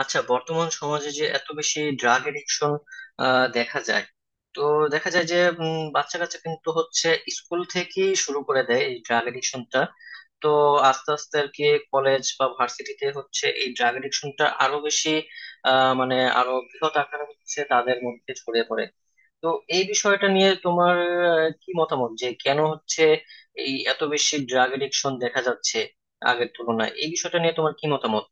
আচ্ছা, বর্তমান সমাজে যে এত বেশি ড্রাগ এডিকশন দেখা যায়। তো দেখা যায় যে বাচ্চা কাচ্চা কিন্তু হচ্ছে স্কুল থেকেই শুরু করে দেয় এই ড্রাগ এডিকশনটা। তো আস্তে আস্তে আর কি কলেজ বা ভার্সিটিতে হচ্ছে এই ড্রাগ এডিকশনটা আরো বেশি। মানে আরো বৃহৎ আকারে হচ্ছে, তাদের মধ্যে ছড়িয়ে পড়ে। তো এই বিষয়টা নিয়ে তোমার কি মতামত, যে কেন হচ্ছে এই এত বেশি ড্রাগ এডিকশন দেখা যাচ্ছে আগের তুলনায়? এই বিষয়টা নিয়ে তোমার কি মতামত?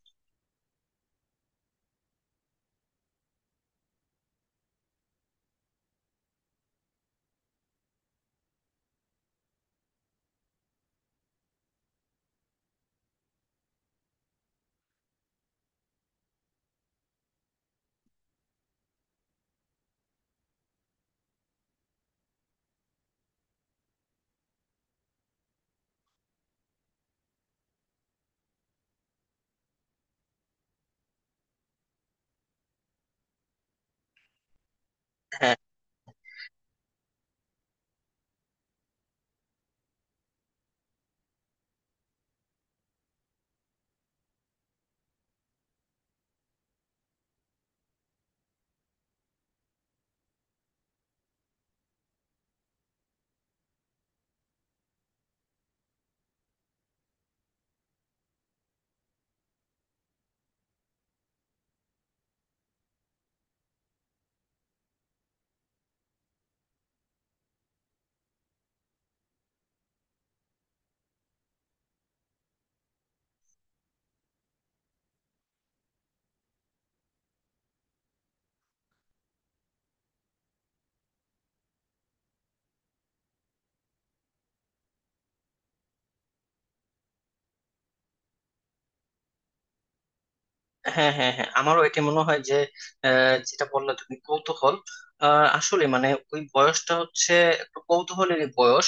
হ্যাঁ, হ্যাঁ, হ্যাঁ, হ্যাঁ, আমারও এটা মনে হয় যে যেটা বললে তুমি, কৌতূহল। আসলে মানে ওই বয়সটা হচ্ছে একটু কৌতূহলেরই বয়স।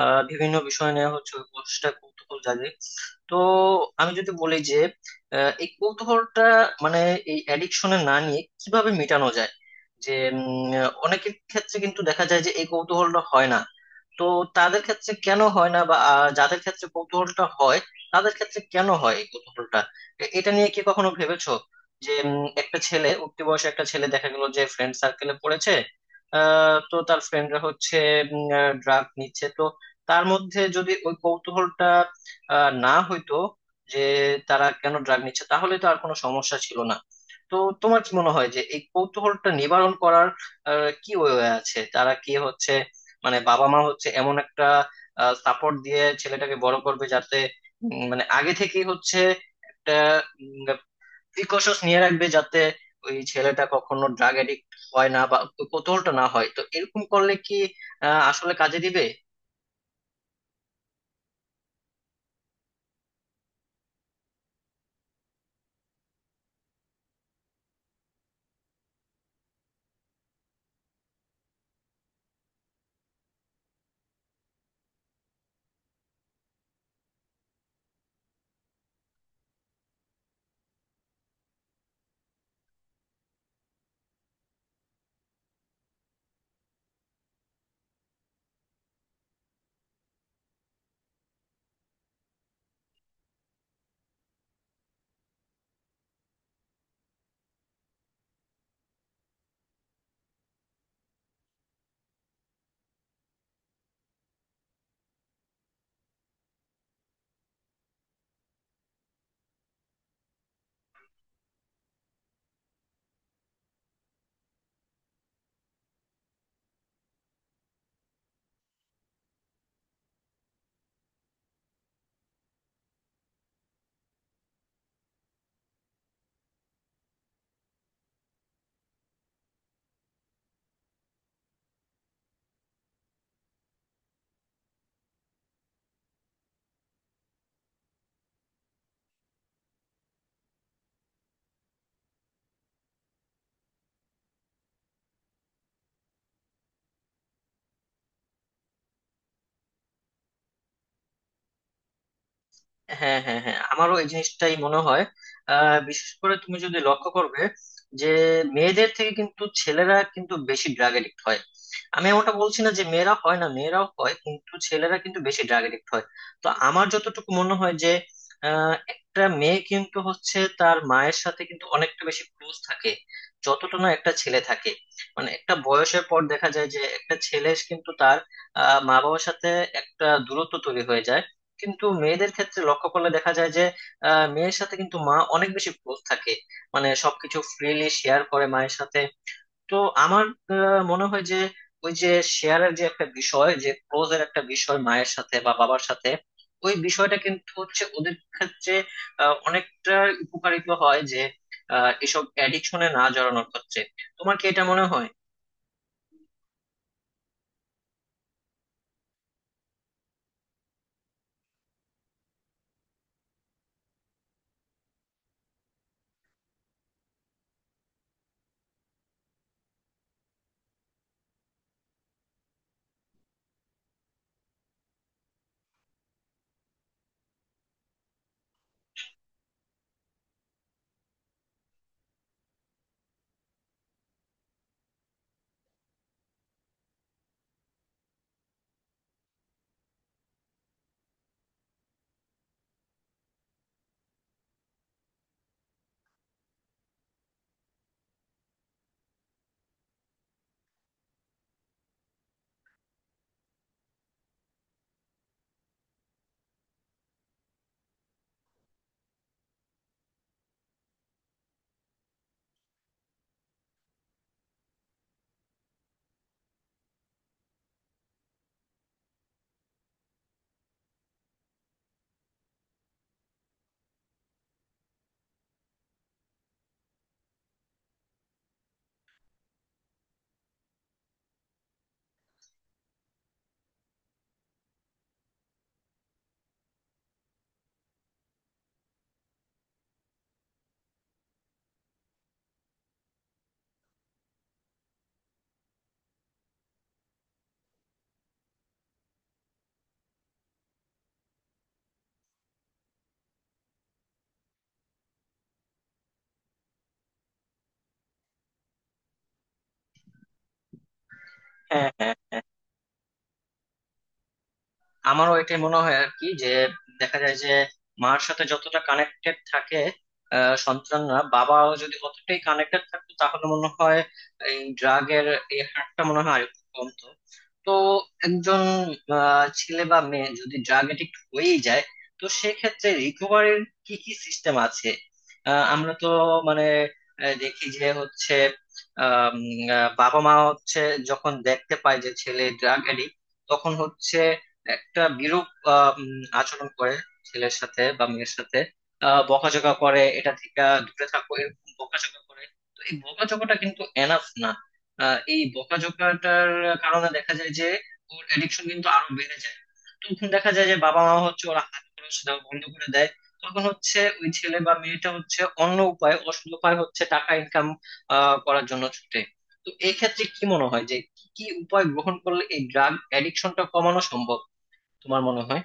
বিভিন্ন বিষয় নিয়ে হচ্ছে ওই বয়সটা কৌতূহল জাগে। তো আমি যদি বলি যে এই কৌতূহলটা মানে এই অ্যাডিকশনে না নিয়ে কিভাবে মেটানো যায়? যে অনেকের ক্ষেত্রে কিন্তু দেখা যায় যে এই কৌতূহলটা হয় না। তো তাদের ক্ষেত্রে কেন হয় না, বা যাদের ক্ষেত্রে কৌতূহলটা হয়, তাদের ক্ষেত্রে কেন হয় এই কৌতূহলটা? এটা নিয়ে কি কখনো ভেবেছো? যে একটা ছেলে উঠতি বয়সে, একটা ছেলে দেখা গেল যে ফ্রেন্ড সার্কেলে পড়েছে, তো তার ফ্রেন্ডরা হচ্ছে ড্রাগ নিচ্ছে, তো তার মধ্যে যদি ওই কৌতূহলটা না হইতো যে তারা কেন ড্রাগ নিচ্ছে, তাহলে তো আর কোনো সমস্যা ছিল না। তো তোমার কি মনে হয় যে এই কৌতূহলটা নিবারণ করার কি ওয়ে আছে? তারা কি হচ্ছে মানে বাবা মা হচ্ছে এমন একটা সাপোর্ট দিয়ে ছেলেটাকে বড় করবে, যাতে মানে আগে থেকেই হচ্ছে একটা প্রিকশনস নিয়ে রাখবে, যাতে ওই ছেলেটা কখনো ড্রাগ এডিক্ট হয় না বা কৌতূহলটা না হয়? তো এরকম করলে কি আসলে কাজে দিবে? হ্যাঁ, হ্যাঁ, হ্যাঁ, আমারও এই জিনিসটাই মনে হয়। বিশেষ করে তুমি যদি লক্ষ্য করবে, যে মেয়েদের থেকে কিন্তু ছেলেরা কিন্তু বেশি ড্রাগ এডিক্ট হয়। আমি ওটা বলছি না যে মেয়েরা হয় না, মেয়েরাও হয়, কিন্তু ছেলেরা কিন্তু বেশি ড্রাগ এডিক্ট হয়। তো আমার যতটুকু মনে হয় যে একটা মেয়ে কিন্তু হচ্ছে তার মায়ের সাথে কিন্তু অনেকটা বেশি ক্লোজ থাকে, যতটা না একটা ছেলে থাকে। মানে একটা বয়সের পর দেখা যায় যে একটা ছেলে কিন্তু তার মা বাবার সাথে একটা দূরত্ব তৈরি হয়ে যায়। কিন্তু মেয়েদের ক্ষেত্রে লক্ষ্য করলে দেখা যায় যে মেয়ের সাথে কিন্তু মা অনেক বেশি ক্লোজ থাকে, মানে সবকিছু ফ্রিলি শেয়ার করে মায়ের সাথে। তো আমার মনে হয় যে ওই যে শেয়ারের যে একটা বিষয়, যে ক্লোজ এর একটা বিষয় মায়ের সাথে বা বাবার সাথে, ওই বিষয়টা কিন্তু হচ্ছে ওদের ক্ষেত্রে অনেকটা উপকারিত হয়, যে এসব অ্যাডিকশনে না জড়ানোর ক্ষেত্রে। তোমার কি এটা মনে হয়? হ্যাঁ, হ্যাঁ, আমারও এটাই মনে হয় আর কি, যে দেখা যায় যে মার সাথে যতটা কানেক্টেড থাকে সন্তানরা, বাবাও যদি অতটাই কানেক্টেড থাকতো, তাহলে মনে হয় এই ড্রাগের এই হারটা মনে হয় আরেকটু কমতো। তো একজন ছেলে বা মেয়ে যদি ড্রাগ এডিক্ট হয়েই যায়, তো সেক্ষেত্রে রিকভারির কি কি সিস্টেম আছে? আমরা তো মানে দেখি যে হচ্ছে বাবা মা হচ্ছে যখন দেখতে পায় যে ছেলে ড্রাগ এডিক্ট, তখন হচ্ছে একটা বিরূপ আচরণ করে ছেলের সাথে বা মেয়ের সাথে। বকাঝকা করে, এটা থেকে দূরে থাকো এরকম বকাঝকা করে। তো এই বকাঝকাটা কিন্তু এনাফ না। এই বকাঝকাটার কারণে দেখা যায় যে ওর অ্যাডিকশন কিন্তু আরো বেড়ে যায়। তখন দেখা যায় যে বাবা মা হচ্ছে ওরা হাত খরচ দেওয়া বন্ধ করে দেয়। তখন হচ্ছে ওই ছেলে বা মেয়েটা হচ্ছে অন্য উপায়, অসৎ উপায় হচ্ছে টাকা ইনকাম করার জন্য ছুটে। তো এক্ষেত্রে কি মনে হয় যে কি কি উপায় গ্রহণ করলে এই ড্রাগ অ্যাডিকশনটা কমানো সম্ভব, তোমার মনে হয়?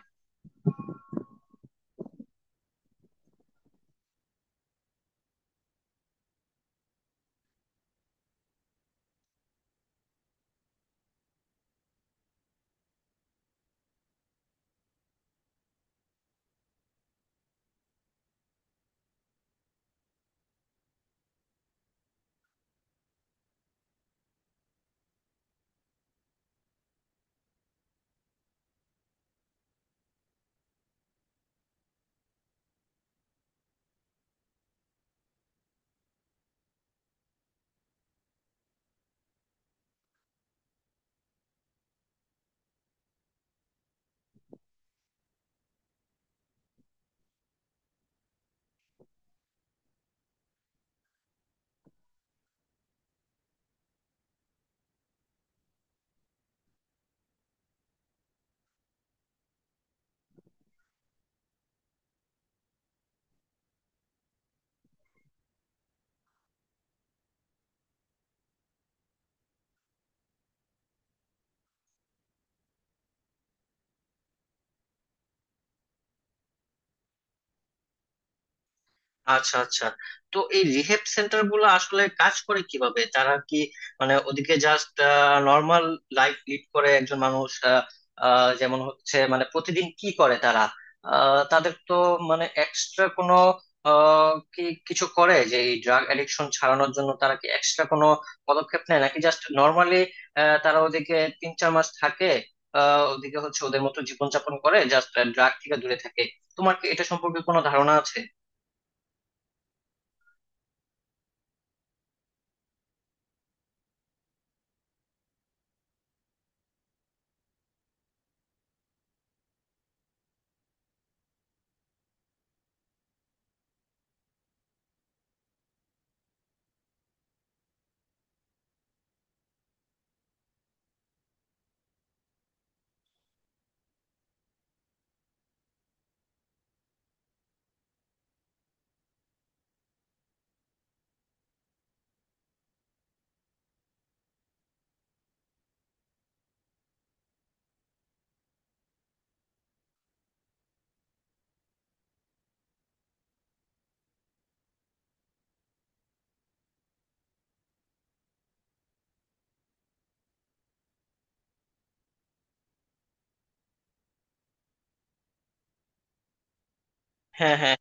আচ্ছা, আচ্ছা, তো এই রিহেব সেন্টার গুলো আসলে কাজ করে কিভাবে? তারা কি মানে ওদিকে জাস্ট নর্মাল লাইফ লিড করে একজন মানুষ? আহ, আহ, যেমন হচ্ছে মানে প্রতিদিন কি করে তারা? তাদের তো মানে এক্সট্রা কোনো আহ, কি কিছু করে, যে এই ড্রাগ অ্যাডিকশন ছাড়ানোর জন্য তারা কি এক্সট্রা কোনো পদক্ষেপ নেয়, নাকি জাস্ট নর্মালি তারা ওদিকে 3-4 মাস থাকে? ওদিকে হচ্ছে ওদের মতো জীবনযাপন করে জাস্ট, ড্রাগ থেকে দূরে থাকে? তোমার কি এটা সম্পর্কে কোনো ধারণা আছে? হ্যাঁ, হ্যাঁ,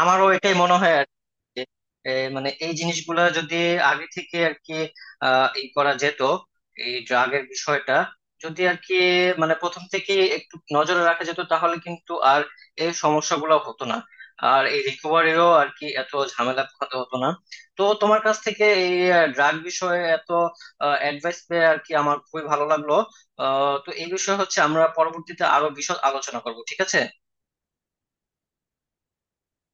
আমারও এটাই মনে হয় আর কি। যে, মানে এই জিনিসগুলো যদি আগে থেকে আর কি ই করা যেত, এই ড্রাগের বিষয়টা যদি আর কি মানে প্রথম থেকে একটু নজরে রাখা যেত, তাহলে কিন্তু আর এই সমস্যাগুলো হতো না, আর এই রিকভারিও আর কি এত ঝামেলা পোহাতে হতো না। তো তোমার কাছ থেকে এই ড্রাগ বিষয়ে এত অ্যাডভাইস পেয়ে আর কি আমার খুবই ভালো লাগলো। তো এই বিষয়ে হচ্ছে আমরা পরবর্তীতে আরো বিশদ আলোচনা করব, ঠিক আছে।